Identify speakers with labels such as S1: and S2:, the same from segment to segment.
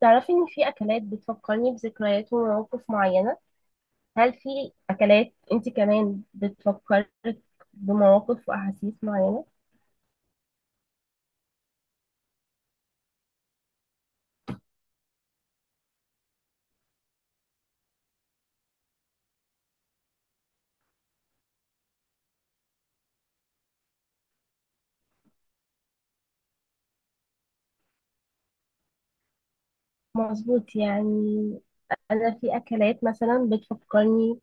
S1: تعرفي إن في أكلات بتفكرني بذكريات ومواقف معينة. هل في أكلات أنت كمان بتفكرك بمواقف وأحاسيس معينة؟ مظبوط، يعني أنا في أكلات مثلا بتفكرني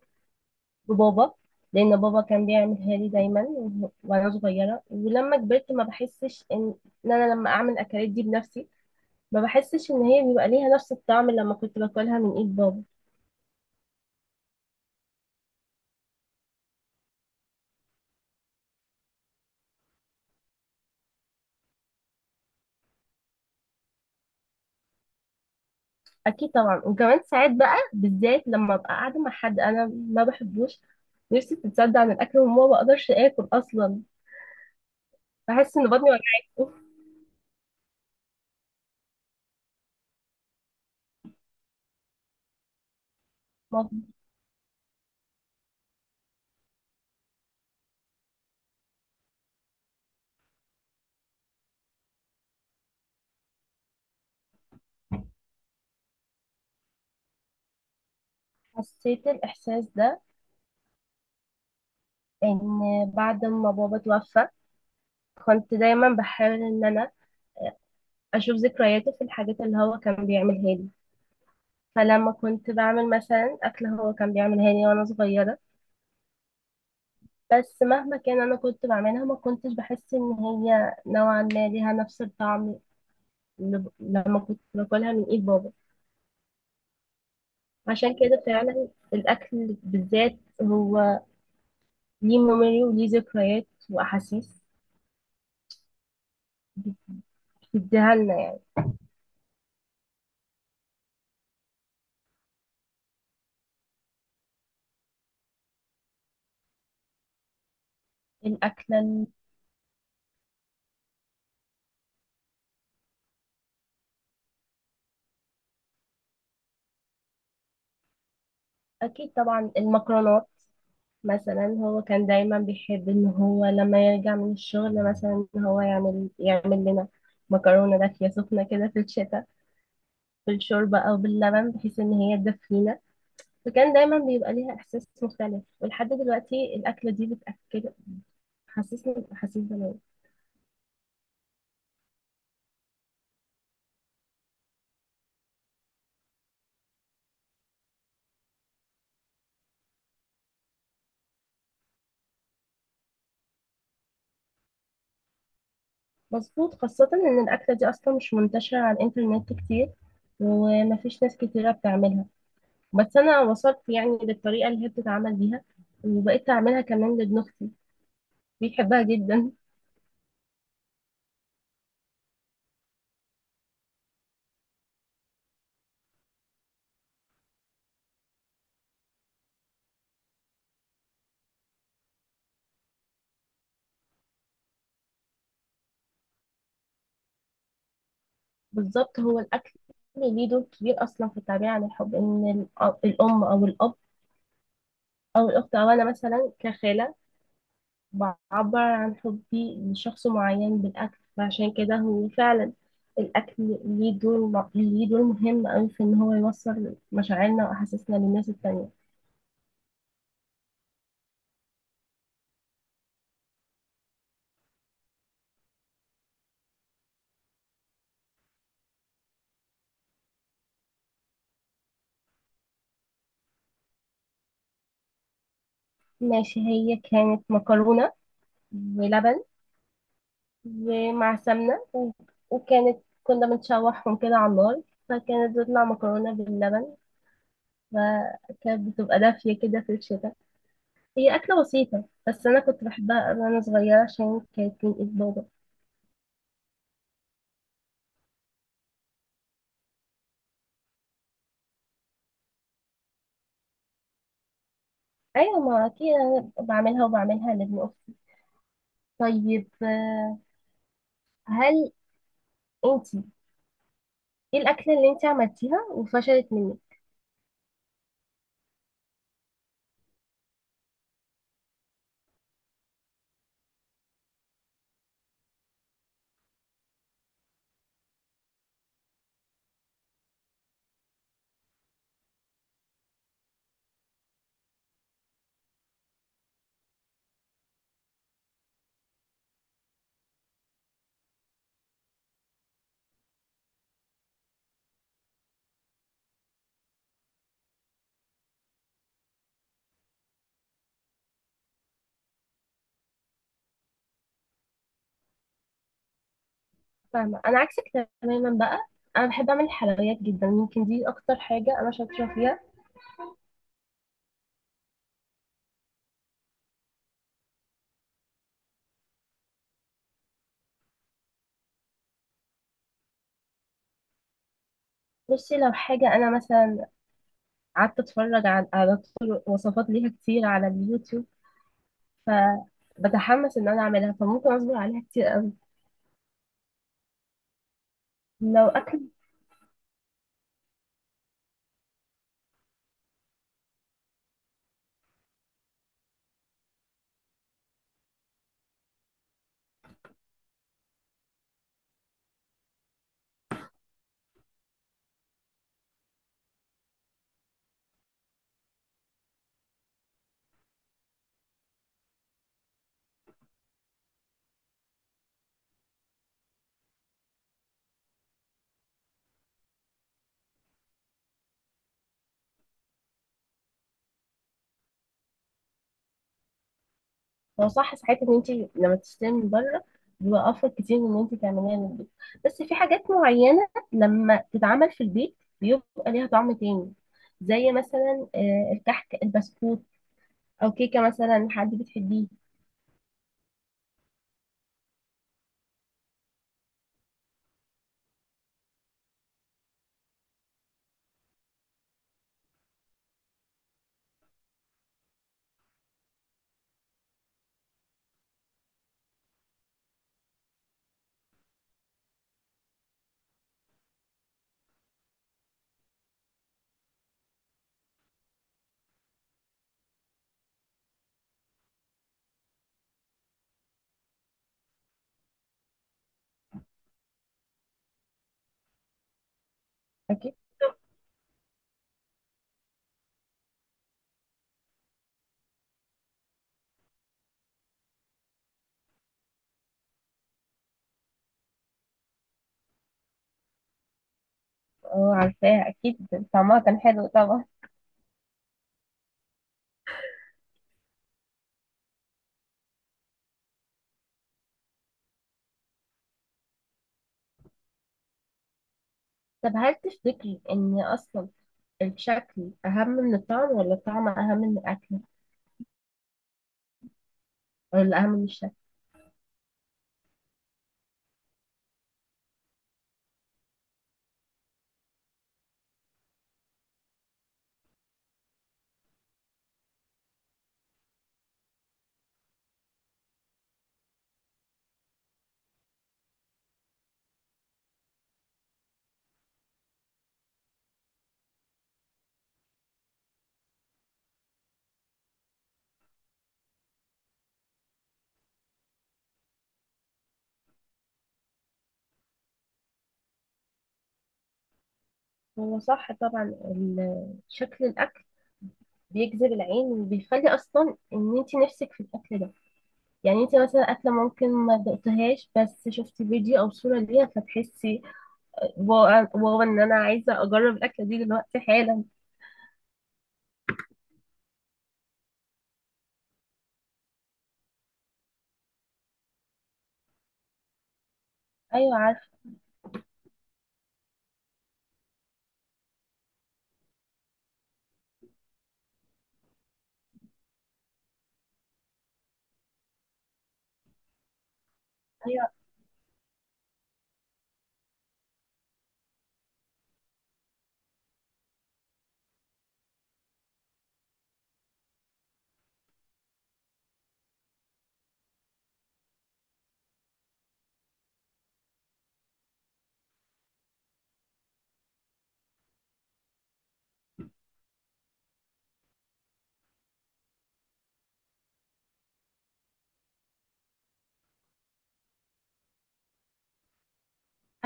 S1: ببابا، لأن بابا كان بيعملها لي دايما وأنا صغيرة. ولما كبرت ما بحسش إن أنا لما أعمل الأكلات دي بنفسي، ما بحسش إن هي بيبقى ليها نفس الطعم اللي لما كنت باكلها من إيد بابا. اكيد طبعا، وكمان ساعات بقى بالذات لما ابقى قاعده مع حد انا ما بحبوش، نفسي بتتصدع عن الاكل وما بقدرش اكل اصلا. بحس ان بطني وجعاني. أوف. ما حسيت الاحساس ده ان بعد ما بابا توفى كنت دايما بحاول ان انا اشوف ذكرياته في الحاجات اللي هو كان بيعملها لي. فلما كنت بعمل مثلا اكل هو كان بيعملها لي وانا صغيره، بس مهما كان انا كنت بعملها ما كنتش بحس ان هي نوعا ما ليها نفس الطعم لما كنت باكلها من ايد بابا. عشان كده فعلا الاكل بالذات هو ليه ميموري وليه ذكريات واحاسيس بتديها لنا يعني. الاكله ال- اكيد طبعا المكرونات مثلا. هو كان دايما بيحب ان هو لما يرجع من الشغل مثلا إن هو يعمل لنا مكرونه دافيه سخنه كده في الشتاء، بالشوربه او باللبن، بحيث ان هي تدفينا. فكان دايما بيبقى ليها احساس مختلف، ولحد دلوقتي الاكله دي بتاكل حسسني بأحاسيس زمان. مظبوط، خاصة إن الأكلة دي أصلا مش منتشرة على الإنترنت كتير ومفيش ناس كتيرة بتعملها. بس أنا وصلت يعني للطريقة اللي هي بتتعمل بيها، وبقيت أعملها كمان لابن أختي بيحبها جدا. بالظبط، هو الأكل ليه دور كبير أصلا في التعبير عن الحب، إن الأم أو الأب أو الأخت أو أنا مثلا كخالة بعبر عن حبي لشخص معين بالأكل. فعشان كده هو فعلا الأكل ليه دور مهم أوي في إن هو يوصل مشاعرنا وأحاسيسنا للناس التانية. ماشي، هي كانت مكرونة ولبن ومع سمنة و- وكانت كنا بنشوحهم كده على النار، فكانت بتطلع مكرونة باللبن، فكانت بتبقى دافية كده في الشتاء. هي أكلة بسيطة بس أنا كنت بحبها أوي وأنا صغيرة عشان كانت من إيد بابا. ايوه، ما اكيد انا بعملها وبعملها لابن اختي. طيب، هل انت ايه الاكله اللي انت عملتيها وفشلت منك؟ فاهمه، انا عكسك تماما بقى. انا بحب اعمل حلويات جدا، يمكن دي اكتر حاجه انا شاطره فيها. بصي، لو حاجه انا مثلا قعدت اتفرج على طرق وصفات ليها كتير على اليوتيوب، فبتحمس ان انا اعملها فممكن اصبر عليها كتير قوي. لو اكل هو صح ساعات ان انت لما تشتري من بره بيبقى افضل كتير من ان انت تعمليها من البيت، بس في حاجات معينه لما تتعمل في البيت بيبقى ليها طعم تاني، زي مثلا الكحك البسكوت، او كيكه مثلا حد بتحبيه. اكيد. اه عارفاها اكيد. طعمها كان حلو طبعا. طب هل تفتكري ان اصلا الشكل اهم من الطعم، ولا الطعم اهم من الاكل، ولا اهم من الشكل؟ هو صح طبعا شكل الاكل بيجذب العين وبيخلي اصلا ان انت نفسك في الاكل ده. يعني انت مثلا اكله ممكن ما دقتهاش بس شفتي فيديو او صوره ليها، فتحسي واو واو ان انا عايزه اجرب الاكله دي دلوقتي حالا. ايوه عارفه. ايوه،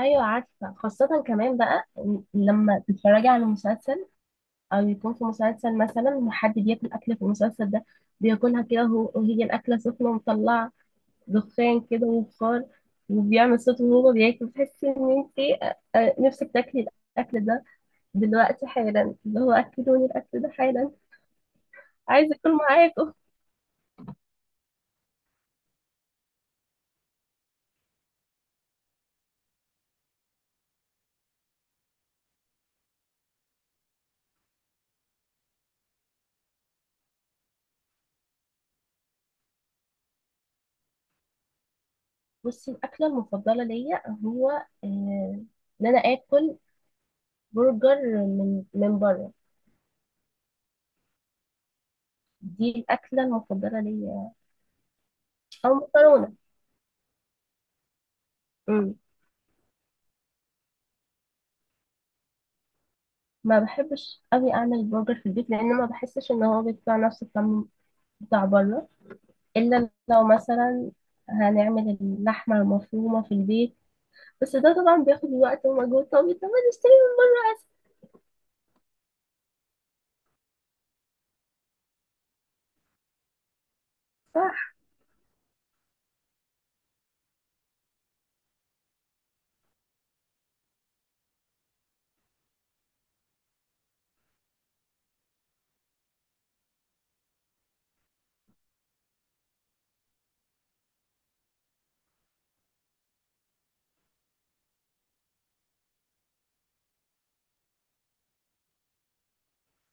S1: ايوه، عارفه، خاصه كمان بقى لما تتفرجي على مسلسل، او يكون في مسلسل مثلا وحد بياكل اكله في المسلسل ده، بياكلها كده وهي الاكله سخنه مطلعه دخان كده وبخار، وبيعمل صوت وهو بياكل، بتحس ان انت نفسك تاكلي الاكل ده دلوقتي حالا، اللي هو اكلوني الاكل ده حالا، عايزه اكل معاكم. بصي، الاكله المفضله ليا هو ان انا اكل برجر من بره. دي الاكله المفضله ليا، او مكرونه. أمم. ما بحبش قوي اعمل برجر في البيت لان ما بحسش ان هو بيطلع نفس الطعم بتاع بره، إلا لو مثلا هنعمل اللحمة مفرومة في البيت، بس ده طبعا بياخد وقت ومجهود. طب ما نشتري. صح.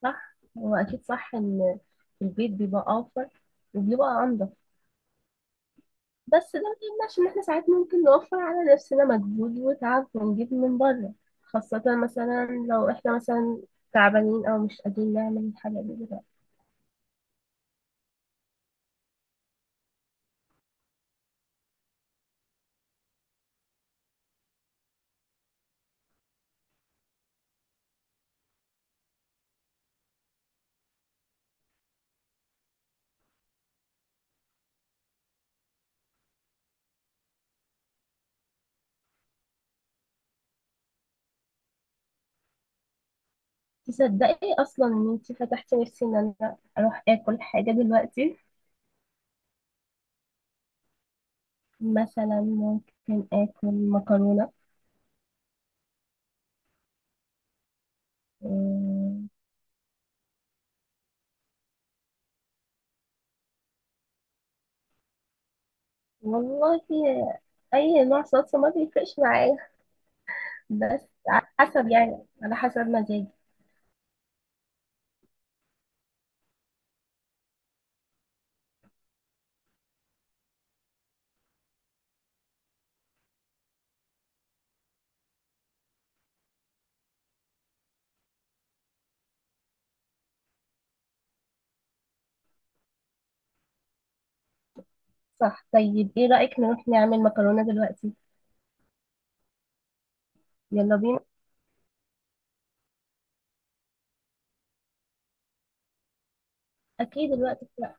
S1: صح، هو أكيد صح إن في البيت بيبقى أوفر وبيبقى أنضف، بس ده ما يمنعش إن إحنا ساعات ممكن نوفر على نفسنا مجهود وتعب ونجيب من بره، خاصة مثلا لو إحنا مثلا تعبانين أو مش قادرين نعمل الحاجة دي دلوقتي. تصدقي أصلا إن أنتي فتحتي نفسي إن أنا أروح آكل حاجة دلوقتي. مثلا ممكن آكل مكرونة. مم، والله أي نوع صلصة ما بيفرقش معايا، بس على حسب يعني على حسب مزاجي. صح، طيب إيه رأيك نروح نعمل مكرونة دلوقتي؟ يلا بينا. أكيد الوقت لا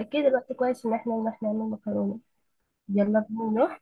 S1: أكيد الوقت كويس إن إحنا نروح نعمل مكرونة. يلا بينا.